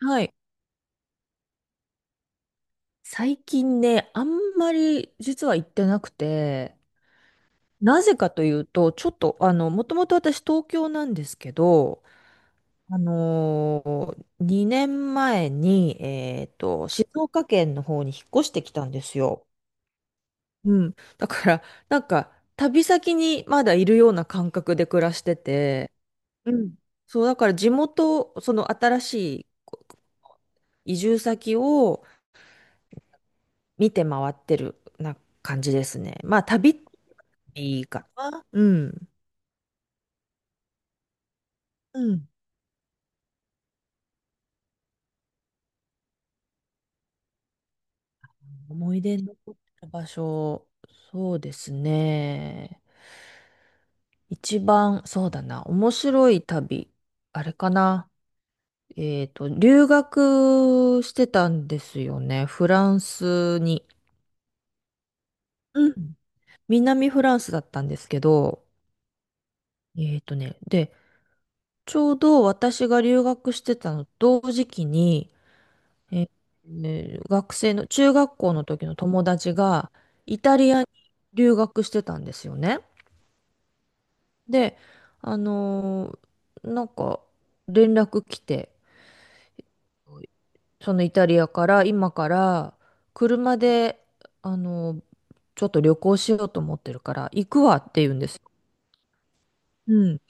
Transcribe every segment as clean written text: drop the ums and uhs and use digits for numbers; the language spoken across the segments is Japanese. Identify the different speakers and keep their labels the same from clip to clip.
Speaker 1: はい。最近ね、あんまり実は行ってなくて、なぜかというと、ちょっと、もともと私東京なんですけど、あの2年前に、静岡県の方に引っ越してきたんですよ。うん。だから、なんか、旅先にまだいるような感覚で暮らしてて、うん。そう、だから地元、その新しい、移住先を見て回ってるな感じですね。まあ、旅っていいかな。うん。うん。思い出に残ってる場所、そうですね。一番、そうだな、面白い旅、あれかな。留学してたんですよね。フランスに。うん。南フランスだったんですけど、で、ちょうど私が留学してたの同時期に、えー学生の、中学校の時の友達が、イタリアに留学してたんですよね。で、あのなんか、連絡来て、そのイタリアから、今から、車で、あのーちょっと旅行しようと思ってるから、行くわって言うんですよ。うん。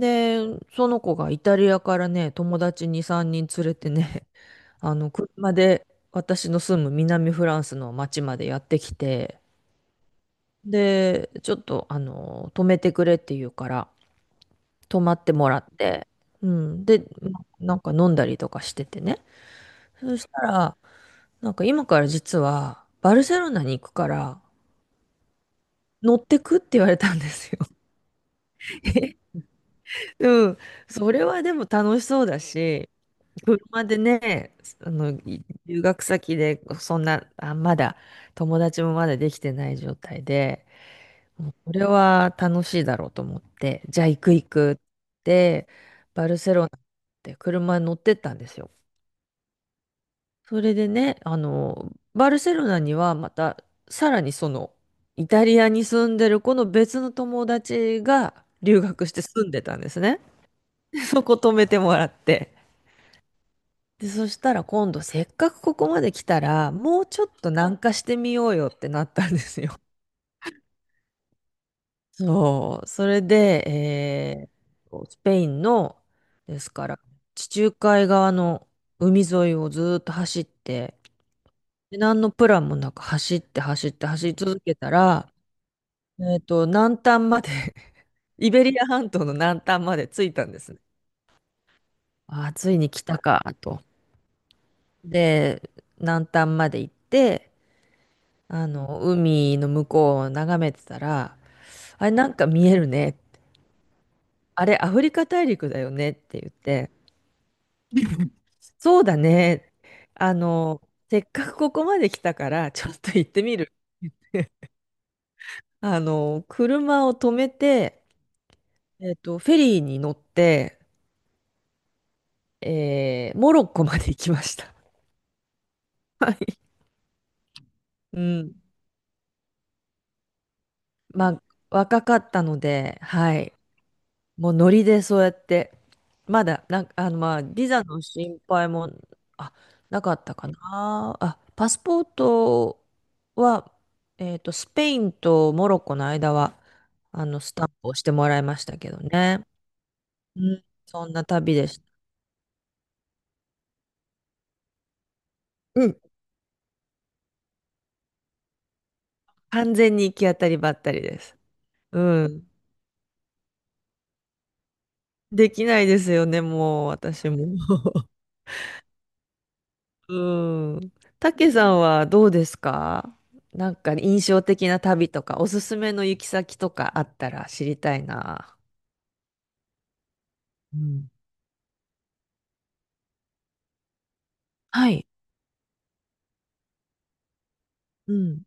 Speaker 1: で、その子がイタリアからね、友達に3人連れてね、車で私の住む南フランスの町までやってきて、で、ちょっと、止めてくれって言うから、止まってもらって、うん。で、なんか飲んだりとかしててね。そしたら、なんか今から実は、バルセロナに行くから、乗ってくって言われたんですよ。うん。それはでも楽しそうだし、車でね、留学先で、そんな、まだ、友達もまだできてない状態で、これは楽しいだろうと思って、じゃあ行く行くって、バルセロナって車に乗ってったんですよ。それでね、バルセロナにはまた、さらにその、イタリアに住んでる子の別の友達が留学して住んでたんですね。でそこ泊めてもらって。で、そしたら今度せっかくここまで来たら、もうちょっと南下してみようよってなったんですよ。そう。それで、えースペインの、ですから、地中海側の海沿いをずーっと走って、で何のプランもなく走って走って走り続けたら、南端まで イベリア半島の南端まで着いたんですね。ああ、ついに来たか、と。で、南端まで行って、海の向こうを眺めてたら、あれ、なんか見えるね。あれ、アフリカ大陸だよねって言って、そうだね。あの、せっかくここまで来たから、ちょっと行ってみる。車を止めて、フェリーに乗って、モロッコまで行きました。はい。うん。まあ、若かったので、はい。もうノリでそうやって、まだ、なんか、まあ、ビザの心配も、あ、なかったかな。パスポートは、スペインとモロッコの間は、スタンプをしてもらいましたけどね。うん、そんな旅でした。うん、完全に行き当たりばったりです。うん。できないですよね、もう、私も。うん。たけさんはどうですか？なんか印象的な旅とか、おすすめの行き先とかあったら知りたいな。うん。はい。うん。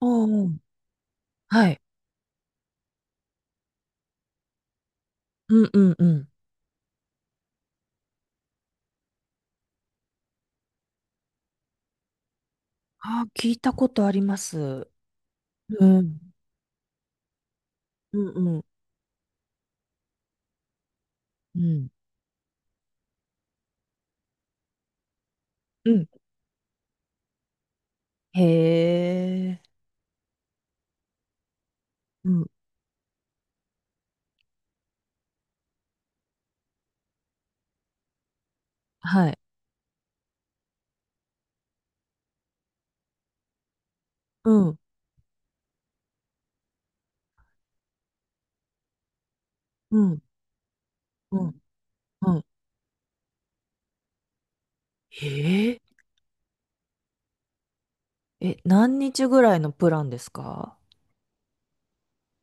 Speaker 1: おうおう。はい。うんうんうん。ああ、聞いたことあります。うん。うんうん。うん。うん。へえ。うん。はい。うん。うん。うん。うん。へえ。え、何日ぐらいのプランですか？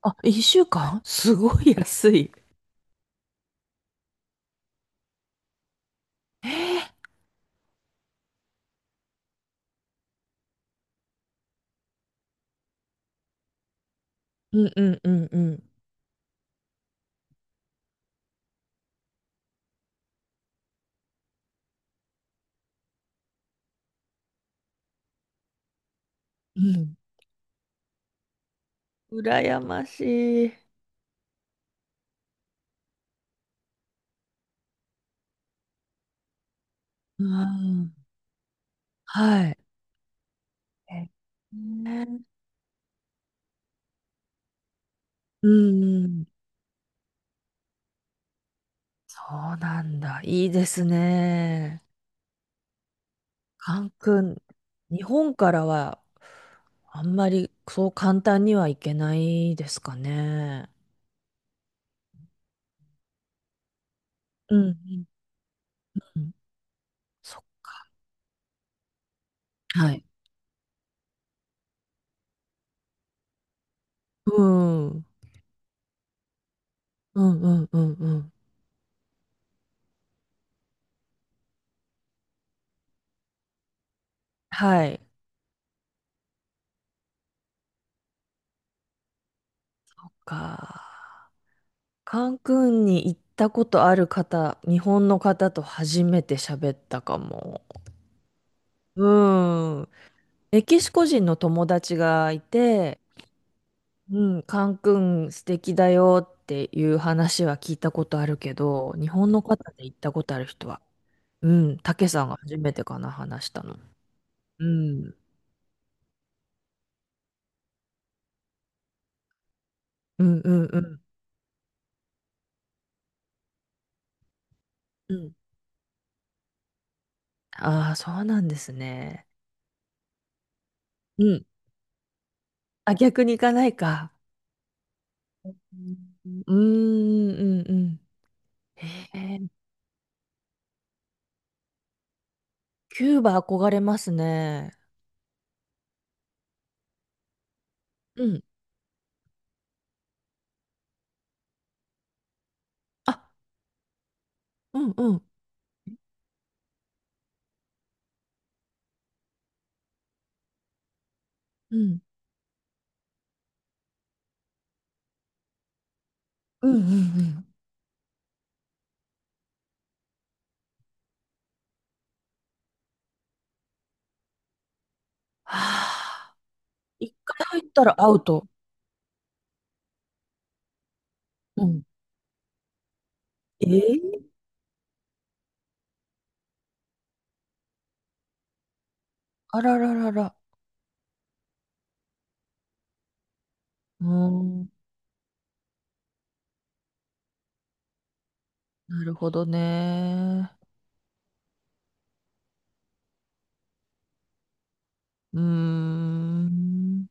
Speaker 1: あ、一週間すごい安い。えーうんうんうんうんうん。羨ましい。うん。はい。えね。うんうん。そうなんだ。いいですね。カン君、日本からはあんまりそう簡単には行けないですかね。うんうんうん。そはい。うん。うんうんうんうん。はい。そっか。カンクンに行ったことある方、日本の方と初めて喋ったかも。うん。メキシコ人の友達がいて、うん、カンクン素敵だよっていう話は聞いたことあるけど、日本の方で行ったことある人は、うん、たけさんが初めてかな、話したの。うん。うんうんうん。うん。ああ、そうなんですね。うん。あ、逆に行かないか。うーんうんうん。へえ。キューバ憧れますね。うん。あ、うんうん。うん。うんうんうん。はあ。一回入ったらアウト。うん。えーあらららら。うーん。なるほどね。うーん。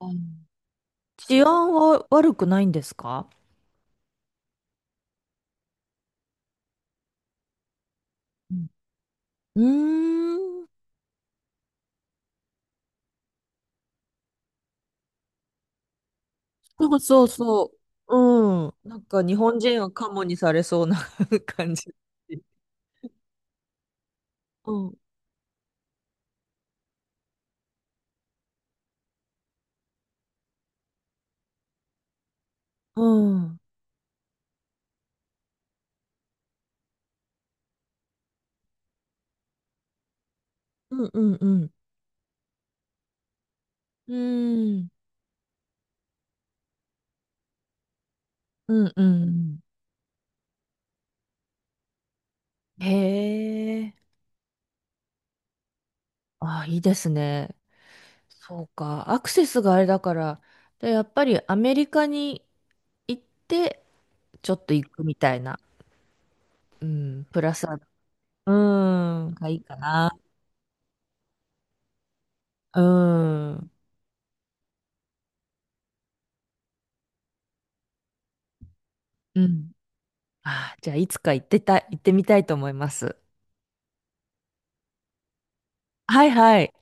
Speaker 1: うん。治安は悪くないんですか？うん。うーん。そうそうそう。うん。なんか日本人はカモにされそうな 感じ。うん。うん。うんうんうん。うーん。うんうんうん。へえ。あ、いいですね。そうか。アクセスがあれだから、で、やっぱりアメリカに行って、ちょっと行くみたいな。うん。プラスアルファ、うん。がいいかな。うん。うん。ああ、じゃあ、いつか行ってた、行ってみたいと思います。はいはい。